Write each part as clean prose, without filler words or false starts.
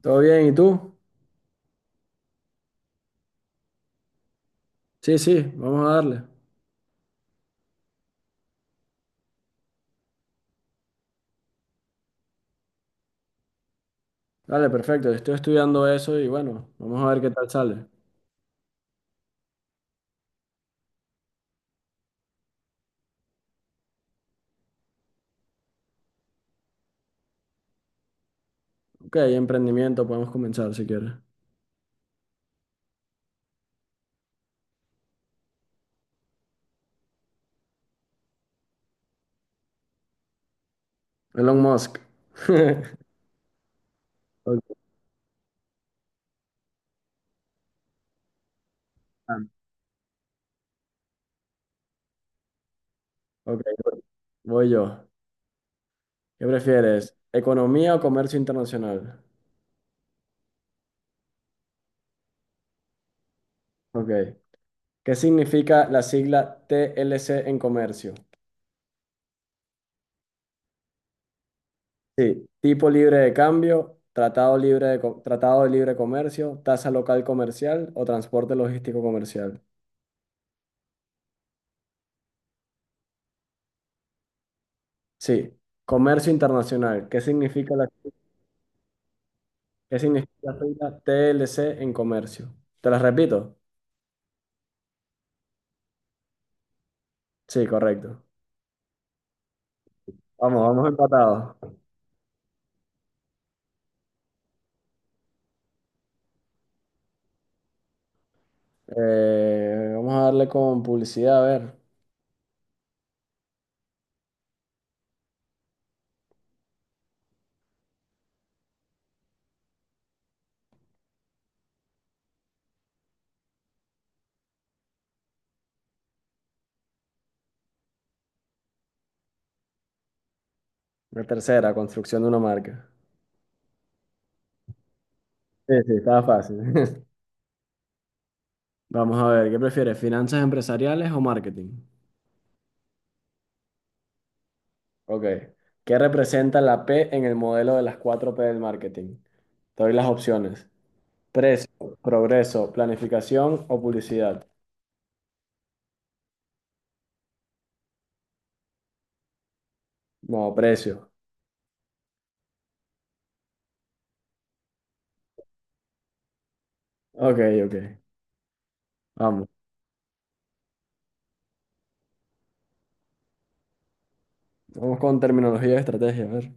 ¿Todo bien? ¿Y tú? Sí, sí, vamos a darle. Dale, perfecto. Estoy estudiando eso y bueno, vamos a ver qué tal sale. Ok, emprendimiento, podemos comenzar si quieres. Elon Musk. Ok, ok, voy yo. ¿Qué prefieres? ¿Economía o comercio internacional? Ok. ¿Qué significa la sigla TLC en comercio? Sí, tipo libre de cambio, tratado de libre comercio, tasa local comercial o transporte logístico comercial. Sí, comercio internacional. ¿Qué significa la sigla TLC en comercio? ¿Te las repito? Sí, correcto. Vamos, vamos empatados. Vamos a darle con publicidad, a ver. La tercera, construcción de una marca. Sí, sí, estaba fácil. Vamos a ver, ¿qué prefieres? ¿Finanzas empresariales o marketing? Ok. ¿Qué representa la P en el modelo de las cuatro p del marketing? Te doy las opciones. Precio, progreso, planificación o publicidad. No, precio. Ok, ok. Vamos. Vamos con terminología de estrategia. A ver.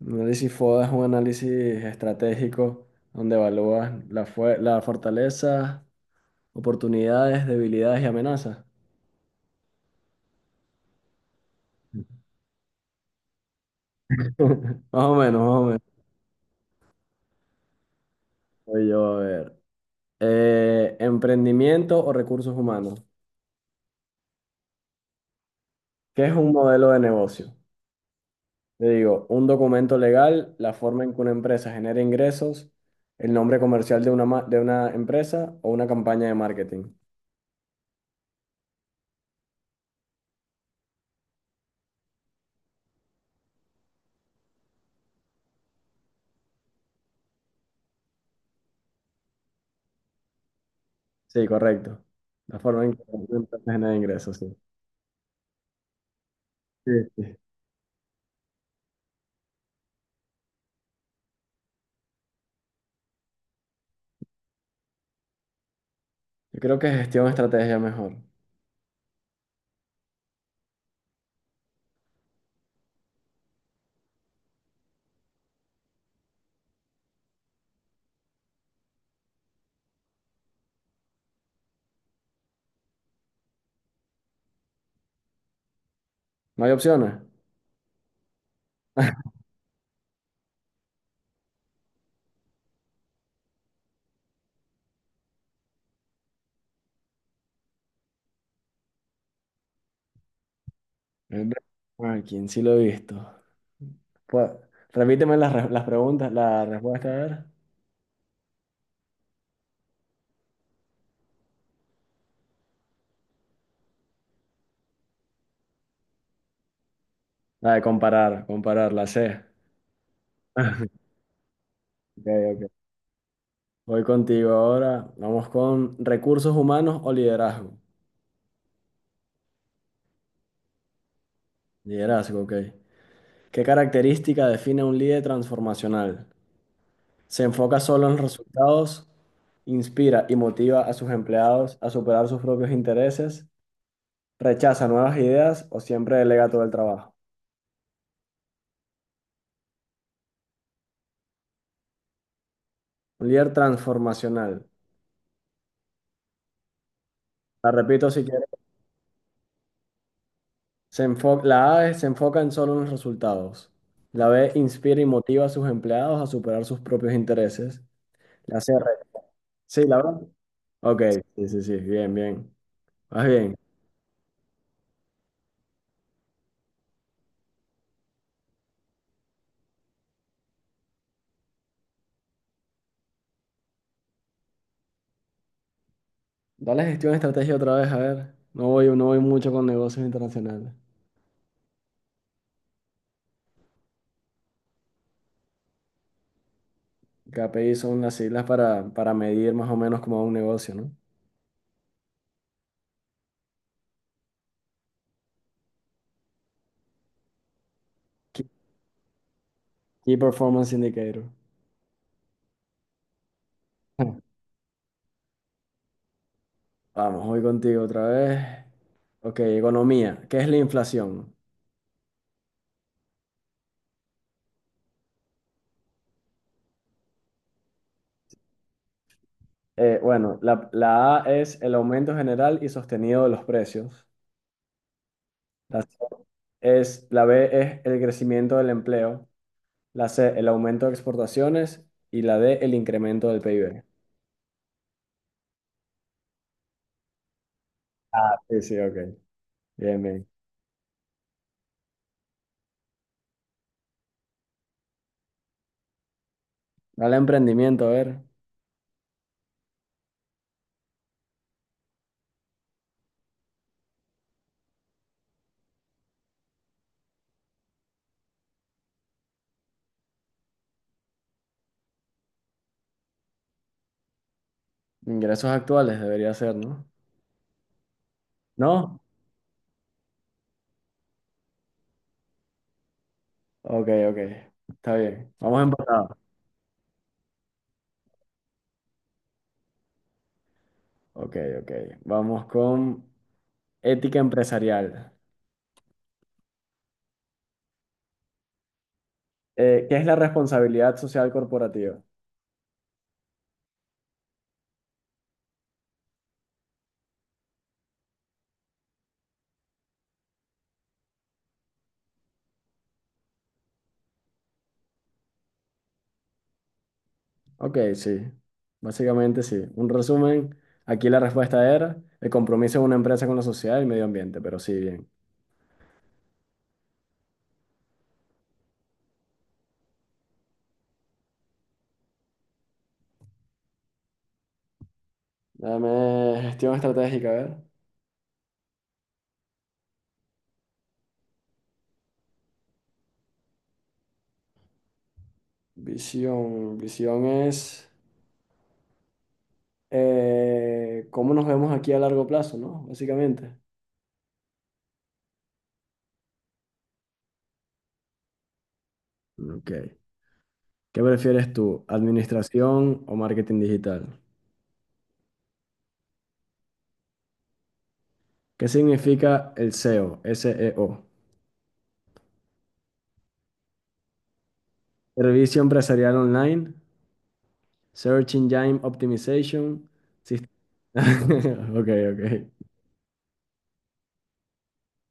Un análisis FODA es un análisis estratégico donde evalúas la fortaleza, oportunidades, debilidades y amenazas. Más o menos, más o menos. Voy yo a ver. Emprendimiento o recursos humanos. ¿Qué es un modelo de negocio? Le digo, un documento legal, la forma en que una empresa genera ingresos, el nombre comercial de una empresa o una campaña de marketing. Sí, correcto. La forma en que se genera ingresos, sí. Sí, sí. Yo creo que gestión estrategia mejor. No hay opciones. El ranking, sí lo he visto. Pues, las preguntas, la respuesta, a ver. La de comparar, comparar, la C. Ok, ok. Voy contigo ahora. Vamos con recursos humanos o liderazgo. Liderazgo, ok. ¿Qué característica define a un líder transformacional? Se enfoca solo en los resultados, inspira y motiva a sus empleados a superar sus propios intereses, rechaza nuevas ideas o siempre delega todo el trabajo. Un líder transformacional. La repito si quieres. La A es se enfoca en solo en los resultados. La B inspira y motiva a sus empleados a superar sus propios intereses. La C, re- sí, la verdad. Ok, sí, sí, sí, bien, bien. Más bien. Dale gestión de estrategia otra vez, a ver. No voy, no voy mucho con negocios internacionales. KPI son las siglas para medir más o menos como un negocio, ¿no? Key Key Performance Indicator. Vamos, voy contigo otra vez. Ok, economía. ¿Qué es la inflación? Bueno, la A es el aumento general y sostenido de los precios. La, C la B es el crecimiento del empleo. La C, el aumento de exportaciones. Y la D, el incremento del PIB. Sí, sí, ok. Bien, bien. Dale a emprendimiento, a ver. Ingresos actuales debería ser, ¿no? ¿No? Ok, ok. Está bien. Vamos empatados. Ok, ok. Vamos con ética empresarial. ¿Qué es la responsabilidad social corporativa? Ok, sí. Básicamente sí. Un resumen. Aquí la respuesta era el compromiso de una empresa con la sociedad y el medio ambiente, pero sí, bien. Dame gestión estratégica, a ver. Visión. Visión es cómo nos vemos aquí a largo plazo, ¿no? Básicamente. Ok. ¿Qué prefieres tú, administración o marketing digital? ¿Qué significa el SEO? Servicio empresarial online, Search Engine Optimization, sist- Ok, ok.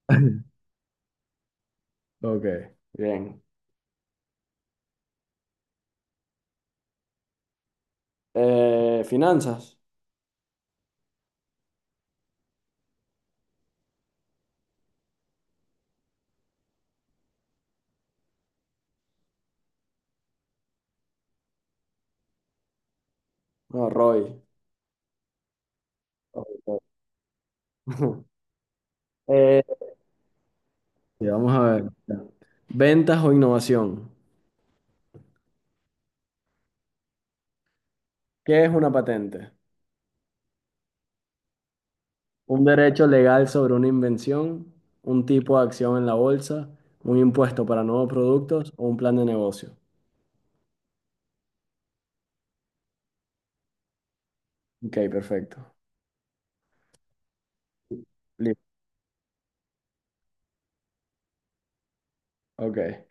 Ok, bien. Finanzas. No, Roy. Ok. Eh, sí, vamos a ver. Ventas o innovación. ¿Qué es una patente? Un derecho legal sobre una invención, un tipo de acción en la bolsa, un impuesto para nuevos productos o un plan de negocio. Ok, perfecto. Listo. Ok.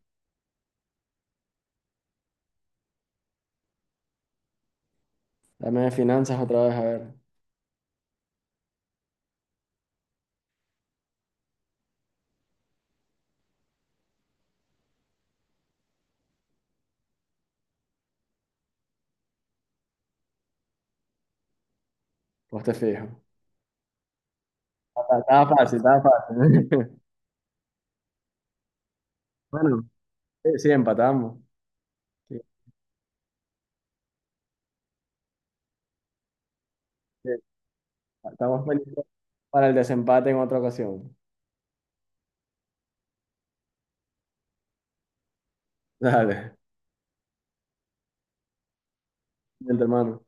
Dame de finanzas otra vez, a ver. Pues te fijo. Ah, estaba fácil, estaba fácil. Bueno, sí, sí, empatamos. Sí, sí. Estamos pendientes para el desempate en otra ocasión. Dale, mi hermano.